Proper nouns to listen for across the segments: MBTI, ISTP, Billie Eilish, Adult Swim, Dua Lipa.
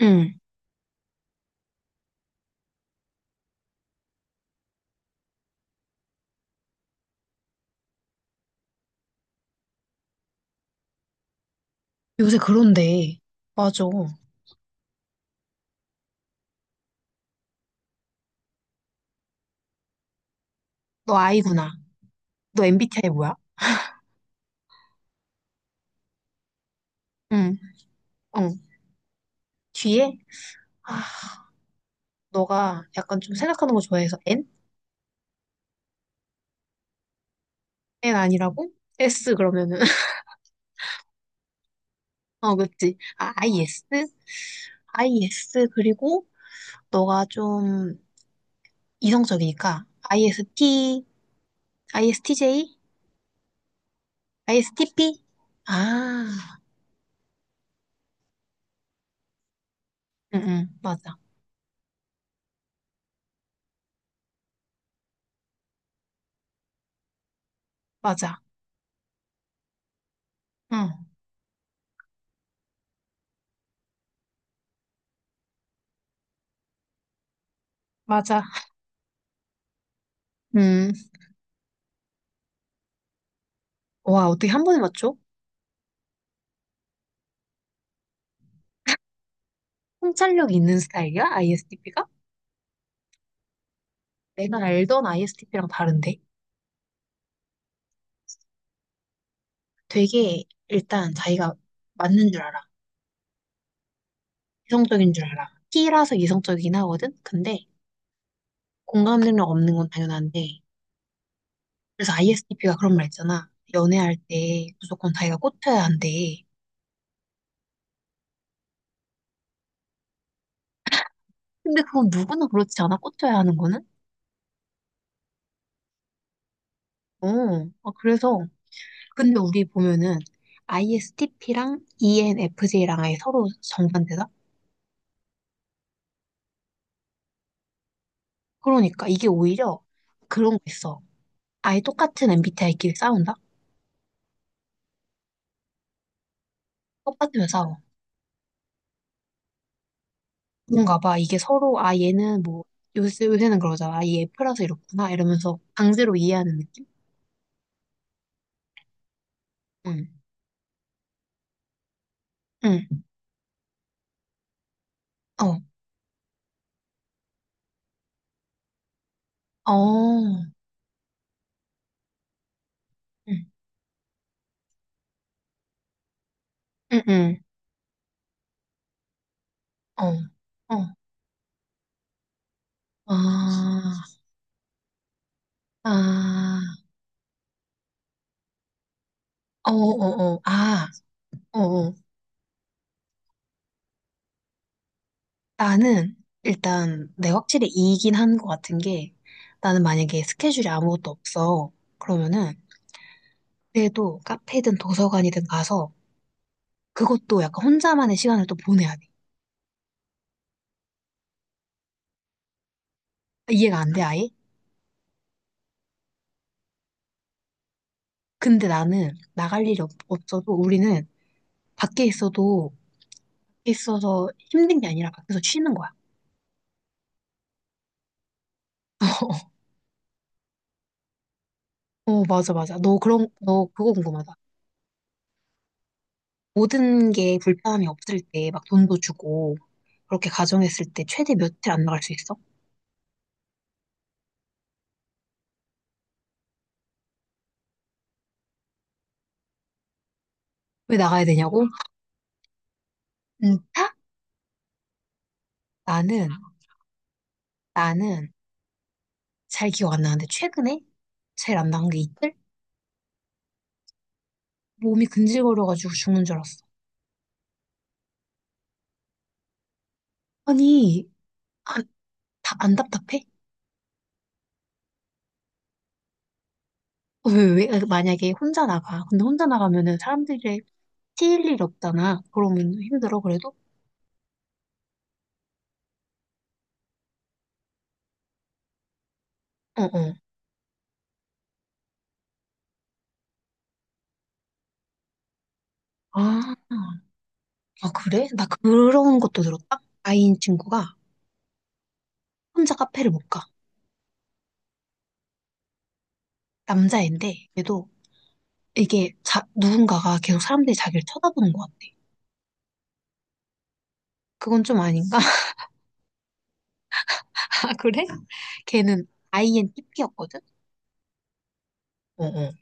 응. 요새 그런데. 맞아. 너 I구나. 너 MBTI 뭐야? 응. 응. 뒤에 아, 너가 약간 좀 생각하는 거 좋아해서 N? N 아니라고? S 그러면은 어, 그치. 아, IS? IS 그리고 너가 좀 이성적이니까 IST, ISTJ, ISTP? 아, 응, 응. 맞아. 맞아. 응. 맞아. 응. 와, 어떻게 한 번에 맞춰? 통찰력 있는 스타일이야? ISTP가? 내가 알던 ISTP랑 다른데? 되게 일단 자기가 맞는 줄 알아. 이성적인 줄 알아. T라서 이성적이긴 하거든? 근데 공감 능력 없는 건 당연한데. 그래서 ISTP가 그런 말 있잖아. 연애할 때 무조건 자기가 꽂혀야 한대. 근데 그건 누구나 그렇지 않아? 꽂혀야 하는 거는? 어, 아, 그래서. 근데 우리 보면은 ISTP랑 ENFJ랑 아예 서로 정반대다? 그러니까 이게 오히려 그런 거 있어. 아예 똑같은 MBTI끼리 싸운다? 똑같으면 싸워. 뭔가 봐. 이게 서로, 아, 얘는 뭐, 요새, 요새는 그러잖아. 아, 얘 F라서 이렇구나. 이러면서 강제로 이해하는 느낌? 응. 응. 어. 어. 응. 응, 응. 어. 어. 아. 아. 어, 어, 어. 아. 어, 어. 나는, 일단, 내가 확실히 이긴 한 것 같은 게, 나는 만약에 스케줄이 아무것도 없어. 그러면은, 그래도 카페든 도서관이든 가서, 그것도 약간 혼자만의 시간을 또 보내야 돼. 이해가 안 돼, 아예? 근데 나는 나갈 일이 없어도 우리는 밖에 있어도 있어서 힘든 게 아니라 밖에서 쉬는 거야. 어, 맞아, 맞아. 너 그거 궁금하다. 모든 게 불편함이 없을 때 막 돈도 주고 그렇게 가정했을 때 최대 며칠 안 나갈 수 있어? 왜 나가야 되냐고? 응, 타? 나는, 나는 잘 기억 안 나는데 최근에 제일 안 나간 게 이틀? 몸이 근질거려가지고 죽는 줄 알았어. 아니, 아, 답, 안 답답해? 어, 왜, 왜, 아, 만약에 혼자 나가. 근데 혼자 나가면은 사람들이 튀일 일 없잖아. 그러면 힘들어, 그래도? 어, 어. 아, 아, 그래? 나 그런 것도 들었다? 아이인 친구가 혼자 카페를 못 가. 남자애인데, 그래도 이게 누군가가 계속 사람들이 자기를 쳐다보는 것 같아. 그건 좀 아닌가? 아, 그래? 걔는 아이엔 TP였거든? 어, 어.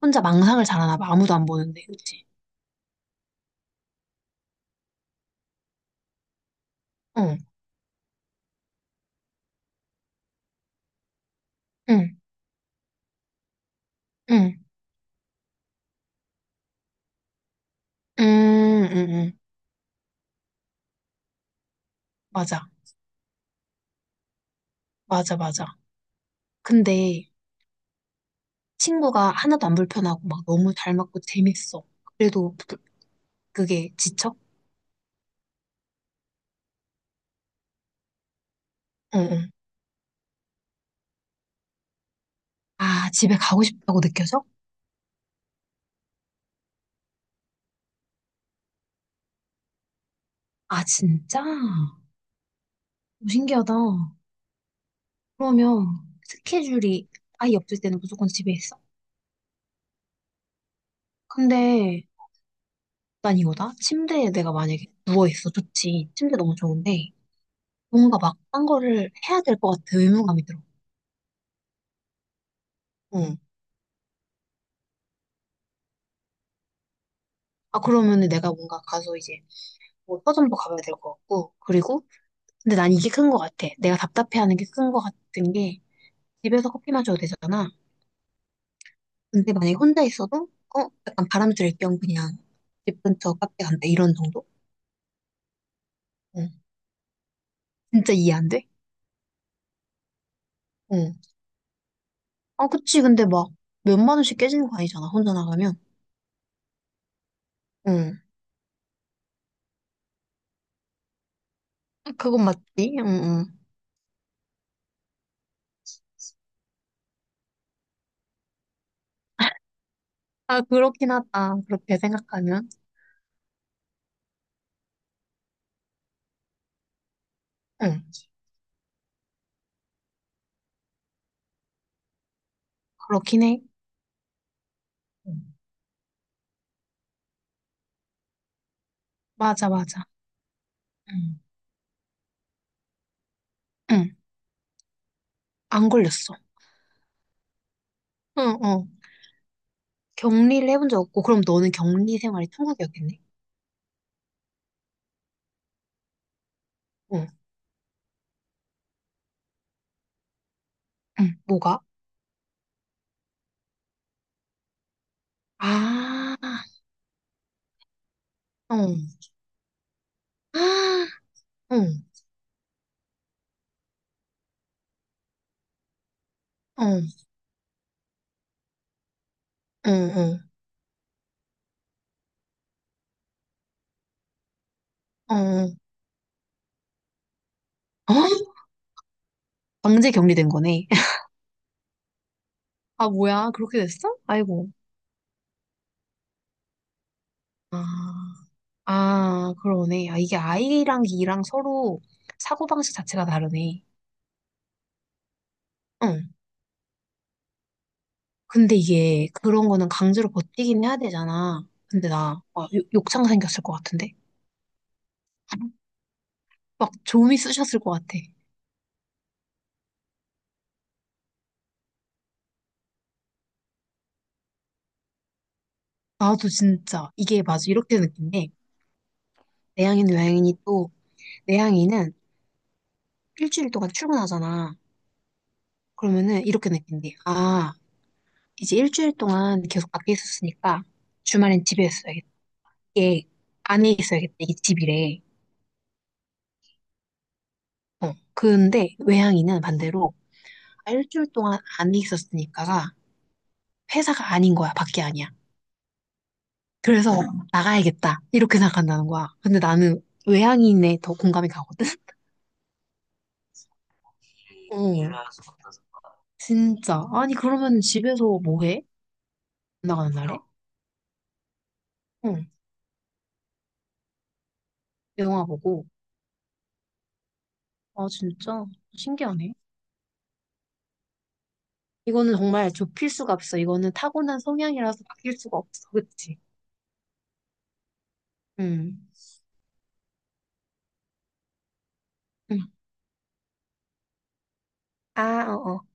혼자 망상을 잘하나 봐. 아무도 안 보는데, 그치? 응, 응, 응, 응, 응, 응. 맞아. 맞아, 맞아. 근데 친구가 하나도 안 불편하고 막 너무 잘 맞고 재밌어. 그래도 그게 지쳐? 어, 어. 아, 집에 가고 싶다고 느껴져? 아, 진짜? 오, 신기하다. 그러면 스케줄이 아예 없을 때는 무조건 집에 있어? 근데 난 이거다. 침대에 내가 만약에 누워있어. 좋지. 침대 너무 좋은데 뭔가 막 딴 거를 해야 될 것 같아. 의무감이 들어. 응. 아, 그러면은 내가 뭔가 가서 이제 뭐 서점도 가봐야 될 것 같고, 그리고 근데 난 이게 큰 거 같아. 내가 답답해하는 게 큰 거 같은 게 집에서 커피 마셔도 되잖아. 근데 만약에 혼자 있어도 어 약간 바람 쐴 겸 그냥 집 근처 카페 간다 이런 정도? 응. 진짜 이해 안 돼? 응. 아 그치 근데 막 몇만 원씩 깨지는 거 아니잖아 혼자 나가면. 응. 아, 그건 맞지? 응, 응. 아 그렇긴 하다. 그렇게 생각하면. 응. 그렇긴 해. 응. 맞아 맞아. 응. 응. 안 걸렸어. 응, 응. 격리를 해본 적 없고 그럼 너는 격리 생활이 천국이었겠네? 응, 뭐가? 아, 어, 아, 응, 어, 응, 응, 어, 어, 강제 격리된 거네. 아, 뭐야, 그렇게 됐어? 아이고. 아, 아, 그러네. 아, 이게 I랑 E랑 서로 사고방식 자체가 다르네. 응. 근데 이게 그런 거는 강제로 버티긴 해야 되잖아. 근데 나 와, 욕창 생겼을 것 같은데? 막 조미 쑤셨을 것 같아. 나도 진짜 이게 맞아. 이렇게 느낀 게 내향인, 외향인이 또 내향인은 일주일 동안 출근하잖아. 그러면은 이렇게 느낀대. 아, 이제 일주일 동안 계속 밖에 있었으니까 주말엔 집에 있어야겠다. 이게 안에 있어야겠다. 이게 집이래. 어. 근데 외향인은 반대로 아, 일주일 동안 안에 있었으니까가 회사가 아닌 거야. 밖에 아니야. 그래서 나가야겠다. 이렇게 생각한다는 거야. 근데 나는 외향인에 더 공감이 가거든. 어. 진짜. 아니, 그러면 집에서 뭐 해? 나가는 날에? 응. 영화 보고. 아, 진짜 신기하네. 이거는 정말 좁힐 수가 없어. 이거는 타고난 성향이라서 바뀔 수가 없어. 그치? 응. 응. 아, 어, 어.